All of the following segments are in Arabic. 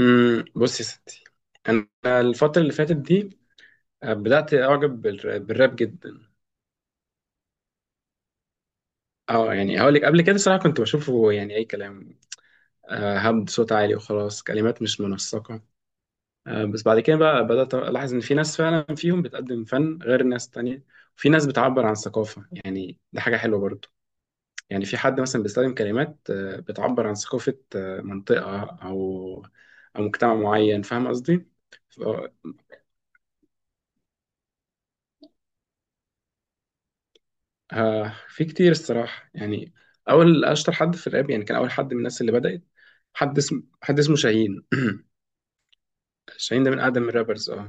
بصي يا ستي، انا الفتره اللي فاتت دي بدات اعجب بالراب جدا. اه، يعني هقول لك قبل كده صراحه، كنت بشوفه يعني اي كلام، هبد صوت عالي وخلاص، كلمات مش منسقه. بس بعد كده بقى بدات الاحظ ان في ناس فعلا فيهم بتقدم فن غير ناس تانية. في ناس بتعبر عن ثقافه، يعني ده حاجه حلوه برضو. يعني في حد مثلا بيستخدم كلمات بتعبر عن ثقافه، منطقه او مجتمع معين، فاهم قصدي؟ في كتير الصراحة يعني. أول أشطر حد في الراب يعني، كان أول حد من الناس اللي بدأت. حد اسمه شاهين. شاهين ده من أقدم الرابرز، اه.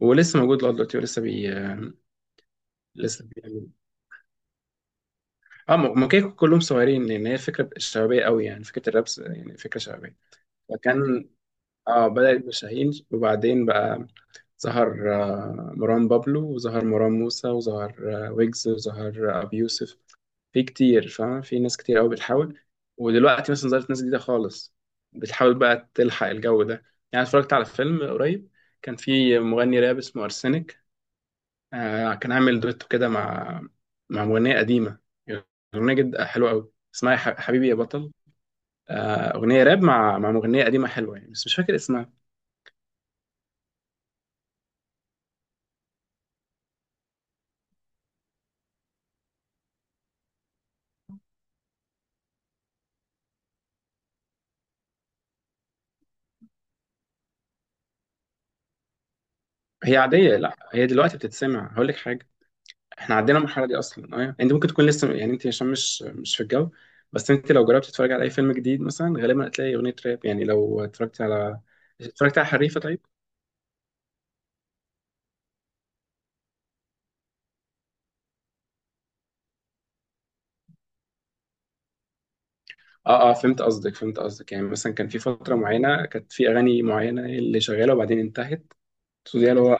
ولسه موجود لغاية دلوقتي، ولسه بي آه، لسه بيعمل. اه ما كانوا كلهم صغيرين، لأن هي فكرة شبابية قوي، يعني فكرة شبابية. فكان، اه بدأت بشاهين وبعدين بقى ظهر مروان بابلو، وظهر مروان موسى، وظهر ويجز، وظهر أبي يوسف. في كتير فاهم، في ناس كتير قوي بتحاول. ودلوقتي مثلا ظهرت ناس جديدة خالص، بتحاول بقى تلحق الجو ده. يعني اتفرجت على فيلم قريب، كان في مغني راب اسمه أرسنك، كان عامل دويتو كده مع مع مغنية قديمة. أغنية جد حلوة قوي، اسمها يا حبيبي يا بطل، أغنية راب مع مغنية قديمة حلوة يعني، بس مش فاكر اسمها. هي عادية، لا، هي دلوقتي بتتسمع، هقول لك حاجة. احنا عدينا المرحلة دي اصلا، انت ممكن تكون لسه يعني، انت عشان مش في الجو. بس انت لو جربت تتفرج على اي فيلم جديد مثلا، غالبا هتلاقي اغنية راب، يعني لو اتفرجت على حريفة طيب. اه، اه، فهمت قصدك، يعني مثلا كان في فترة معينة، كانت في اغاني معينة اللي شغالة وبعدين انتهت. So دي اللي هو،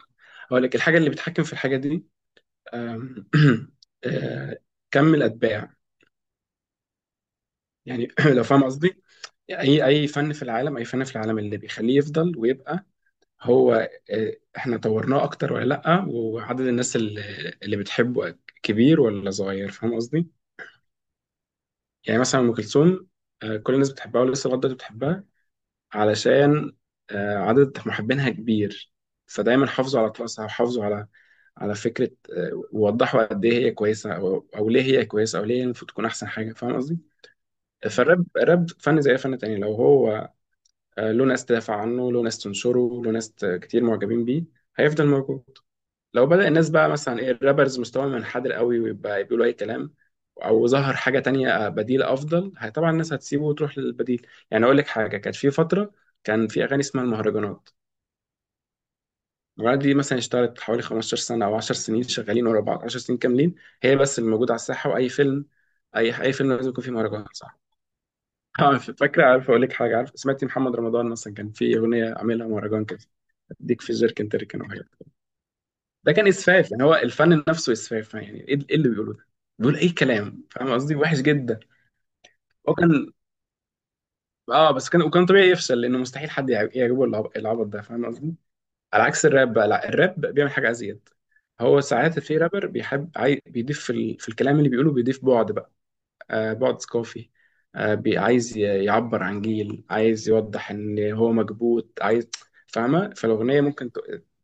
هقول لك الحاجة اللي بتحكم في الحاجة دي. آم، آه، كم الاتباع، يعني، لو فاهم قصدي. اي فن في العالم، اللي بيخليه يفضل ويبقى هو احنا طورناه اكتر ولا لا، وعدد الناس اللي بتحبه كبير ولا صغير، فاهم قصدي؟ يعني مثلا ام كلثوم، كل الناس بتحبها ولسه لغايه دلوقتي بتحبها، علشان عدد محبينها كبير. فدايما حافظوا على طقسها وحافظوا على، على فكره ووضحوا قد ايه هي كويسه، او ليه هي كويسه، او ليه هي المفروض تكون احسن حاجه، فاهم قصدي. فالراب راب فن زي أي فن تاني، لو هو له ناس تدافع عنه، له ناس تنشره، له ناس كتير معجبين بيه، هيفضل موجود. لو بدأ الناس بقى مثلا ايه، الرابرز مستواهم منحدر قوي ويبقى بيقولوا اي كلام، او ظهر حاجه تانية بديله افضل، هي طبعا الناس هتسيبه وتروح للبديل. يعني اقول لك حاجه، كانت في فتره كان في اغاني اسمها المهرجانات. المهرجانات دي مثلا اشتغلت حوالي 15 سنه، او 10 سنين شغالين ورا بعض، 10 سنين كاملين هي بس اللي موجوده على الساحه، واي فيلم، اي فيلم لازم يكون فيه مهرجان، صح؟ فاكره، عارف، اقول لك حاجه، عارف، سمعتي محمد رمضان مثلا كان في اغنيه عاملها مهرجان كده؟ اديك في الجيركن تركن. ده كان اسفاف، يعني هو الفن نفسه اسفاف، يعني إيه اللي بيقوله ده؟ بيقول اي كلام، فاهم قصدي، وحش جدا. هو كان، اه بس كان، وكان طبيعي يفشل، لانه مستحيل حد يعجبه العبط ده، فاهم قصدي. على عكس الراب بقى، لا، الراب بيعمل حاجه ازيد. هو ساعات في رابر بيحب بيضيف في الكلام اللي بيقوله، بيضيف بعد بقى، بعد ثقافي، عايز يعبر عن جيل، عايز يوضح ان هو مكبوت، عايز، فاهمه، فالاغنيه ممكن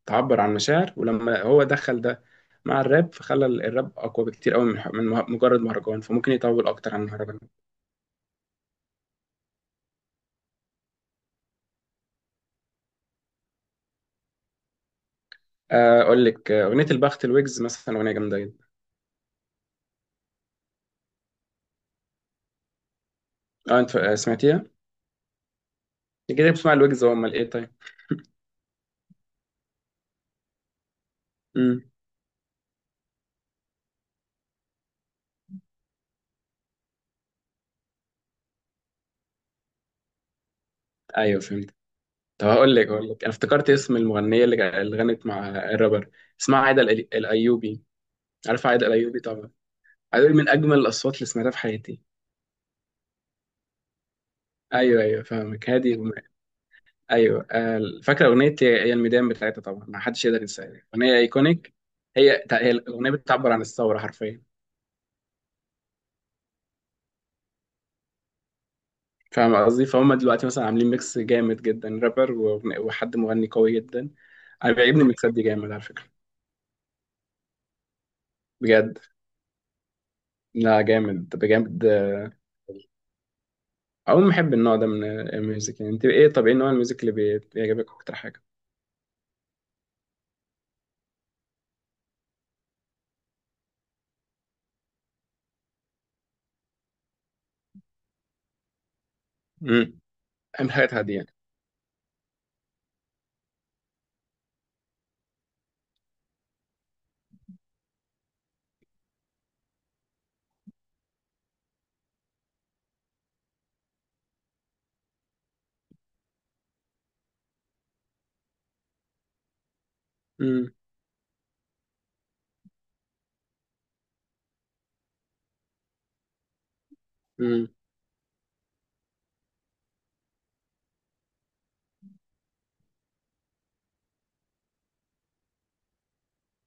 تعبر عن مشاعر. ولما هو دخل ده مع الراب، فخلى الراب اقوى بكتير قوي من مجرد مهرجان، فممكن يطول اكتر عن المهرجان. اقول لك اغنيه البخت الويجز مثلا، اغنيه جامده جدا. اه انت سمعتيها؟ انت كده بتسمع الويجز، هو امال ايه؟ طيب. امم ايوه، فهمت. طب، هقول لك انا افتكرت اسم المغنيه اللي غنت مع الرابر. اسمها عايده الايوبي، عارفه عايده الايوبي طبعا، هدول من اجمل الاصوات اللي سمعتها في حياتي. ايوه، ايوه، فاهمك، هادي. ايوه، فاكره اغنيه يا الميدان بتاعتها، طبعا ما حدش يقدر ينساها، اغنيه ايكونيك. هي الاغنيه بتعبر عن الثوره حرفيا، فاهم قصدي، فهم. دلوقتي مثلا عاملين ميكس جامد جدا، رابر وحد مغني قوي جدا. انا بيعجبني الميكسات دي جامد على فكره، بجد. لا جامد بجد. عموما بحب النوع ده من الميوزك. يعني انت ايه؟ طب ايه نوع الميوزك اللي بيعجبك اكتر حاجه؟ امم اهم حاجات هاديه يعني. امم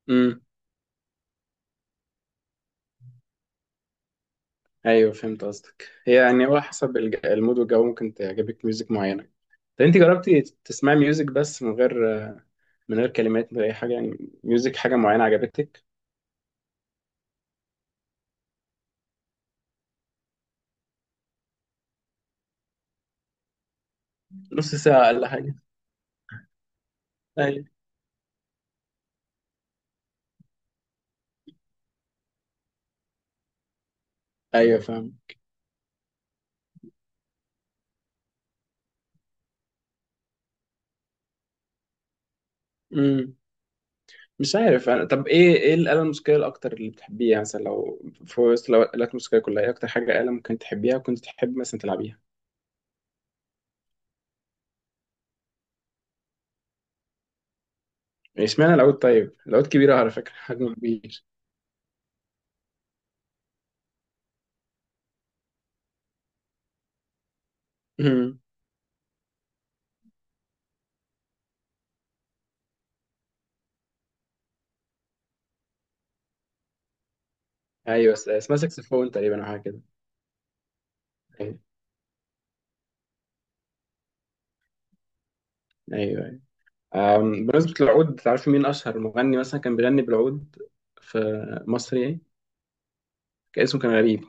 امم ايوه، فهمت قصدك، هي يعني هو حسب المود والجو، ممكن تعجبك ميوزك معينه. طب انت جربتي تسمعي ميوزك بس من غير، من غير كلمات، من غير اي حاجه، يعني ميوزك حاجه معينه عجبتك؟ نص ساعه اقل حاجه. ايوه، ايوه، فاهم. امم مش عارف انا. طب ايه، ايه الاله الموسيقيه الاكتر اللي بتحبيها؟ يعني مثلا لو في وسط الالات الموسيقيه كلها، ايه اكتر حاجه اله ممكن تحبيها وكنت تحب مثلا تلعبيها؟ اشمعنى العود؟ طيب، العود كبيره على فكره، حجمه كبير. امم ايوه، اسمها ساكسفون تقريبا، او حاجه كده. ايوه، ايوه. بمناسبة العود، تعرف مين أشهر مغني مثلا كان بيغني بالعود في مصر يعني؟ كان غريب.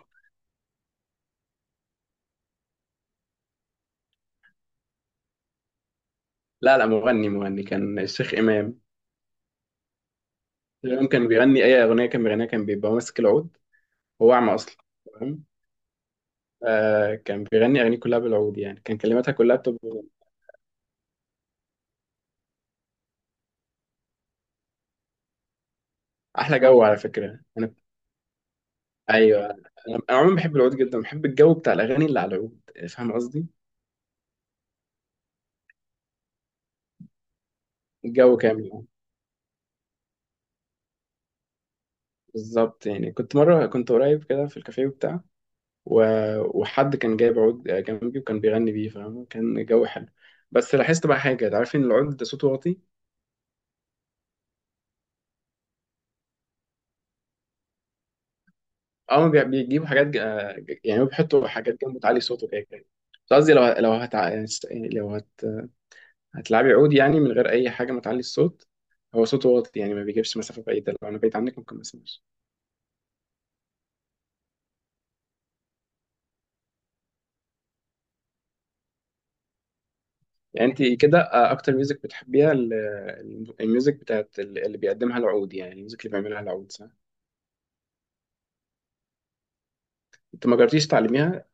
لا، لا، مغني كان الشيخ إمام. الشيخ إمام كان بيغني أي أغنية، كان بيغنيها كان بيبقى ماسك العود، هو أعمى أصلا. تمام. كان بيغني أغانيه كلها بالعود، يعني كان كلماتها كلها بتبقى أحلى جو. على فكرة أنا، أيوه، أنا عموما بحب العود جدا، بحب الجو بتاع الأغاني اللي على العود، فاهم قصدي، الجو كامل بالظبط. يعني كنت قريب كده في الكافيه وبتاع، وحد كان جايب عود جنبي وكان بيغني بيه، فاهم، كان الجو حلو. بس لاحظت بقى حاجة، عارفين ان العود ده صوته واطي. اه بيجيبوا حاجات يعني هو بيحطوا حاجات جنبه تعلي صوته كده كده. بس قصدي، لو لو هت... هتلعبي عود يعني من غير أي حاجة ما تعلي الصوت، هو صوته واطي، يعني ما بيجيبش مسافة بعيدة، لو أنا بعيد عنك ممكن ما اسمعش. يعني أنت كده أكتر ميوزك بتحبيها الميوزك بتاعت اللي بيقدمها العود، يعني الميوزك اللي بيعملها العود، صح؟ أنت ما جربتيش تعلميها؟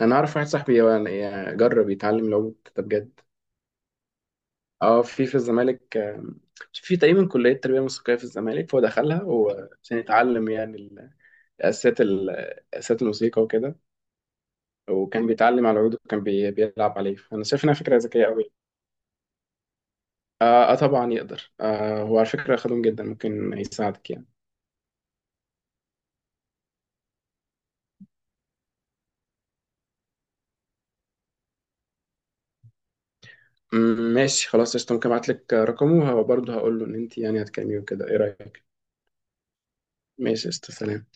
انا اعرف واحد صاحبي يعني جرب يتعلم العود ده بجد. اه في الزمالك، في تقريبا كليه تربيه موسيقيه في الزمالك، فهو دخلها عشان يتعلم يعني اساسيات ال- اساسيات الموسيقى وكده، وكان بيتعلم على العود وكان بيلعب عليه، فانا شايف انها فكره ذكيه قوي. طبعا يقدر، هو على فكره خدوم جدا، ممكن يساعدك يعني. ماشي، خلاص، قشطه، ممكن ابعت لك رقمه وبرضه هقول له ان انت يعني هتكلميه وكده، ايه رايك؟ ماشي، قشطه، سلام.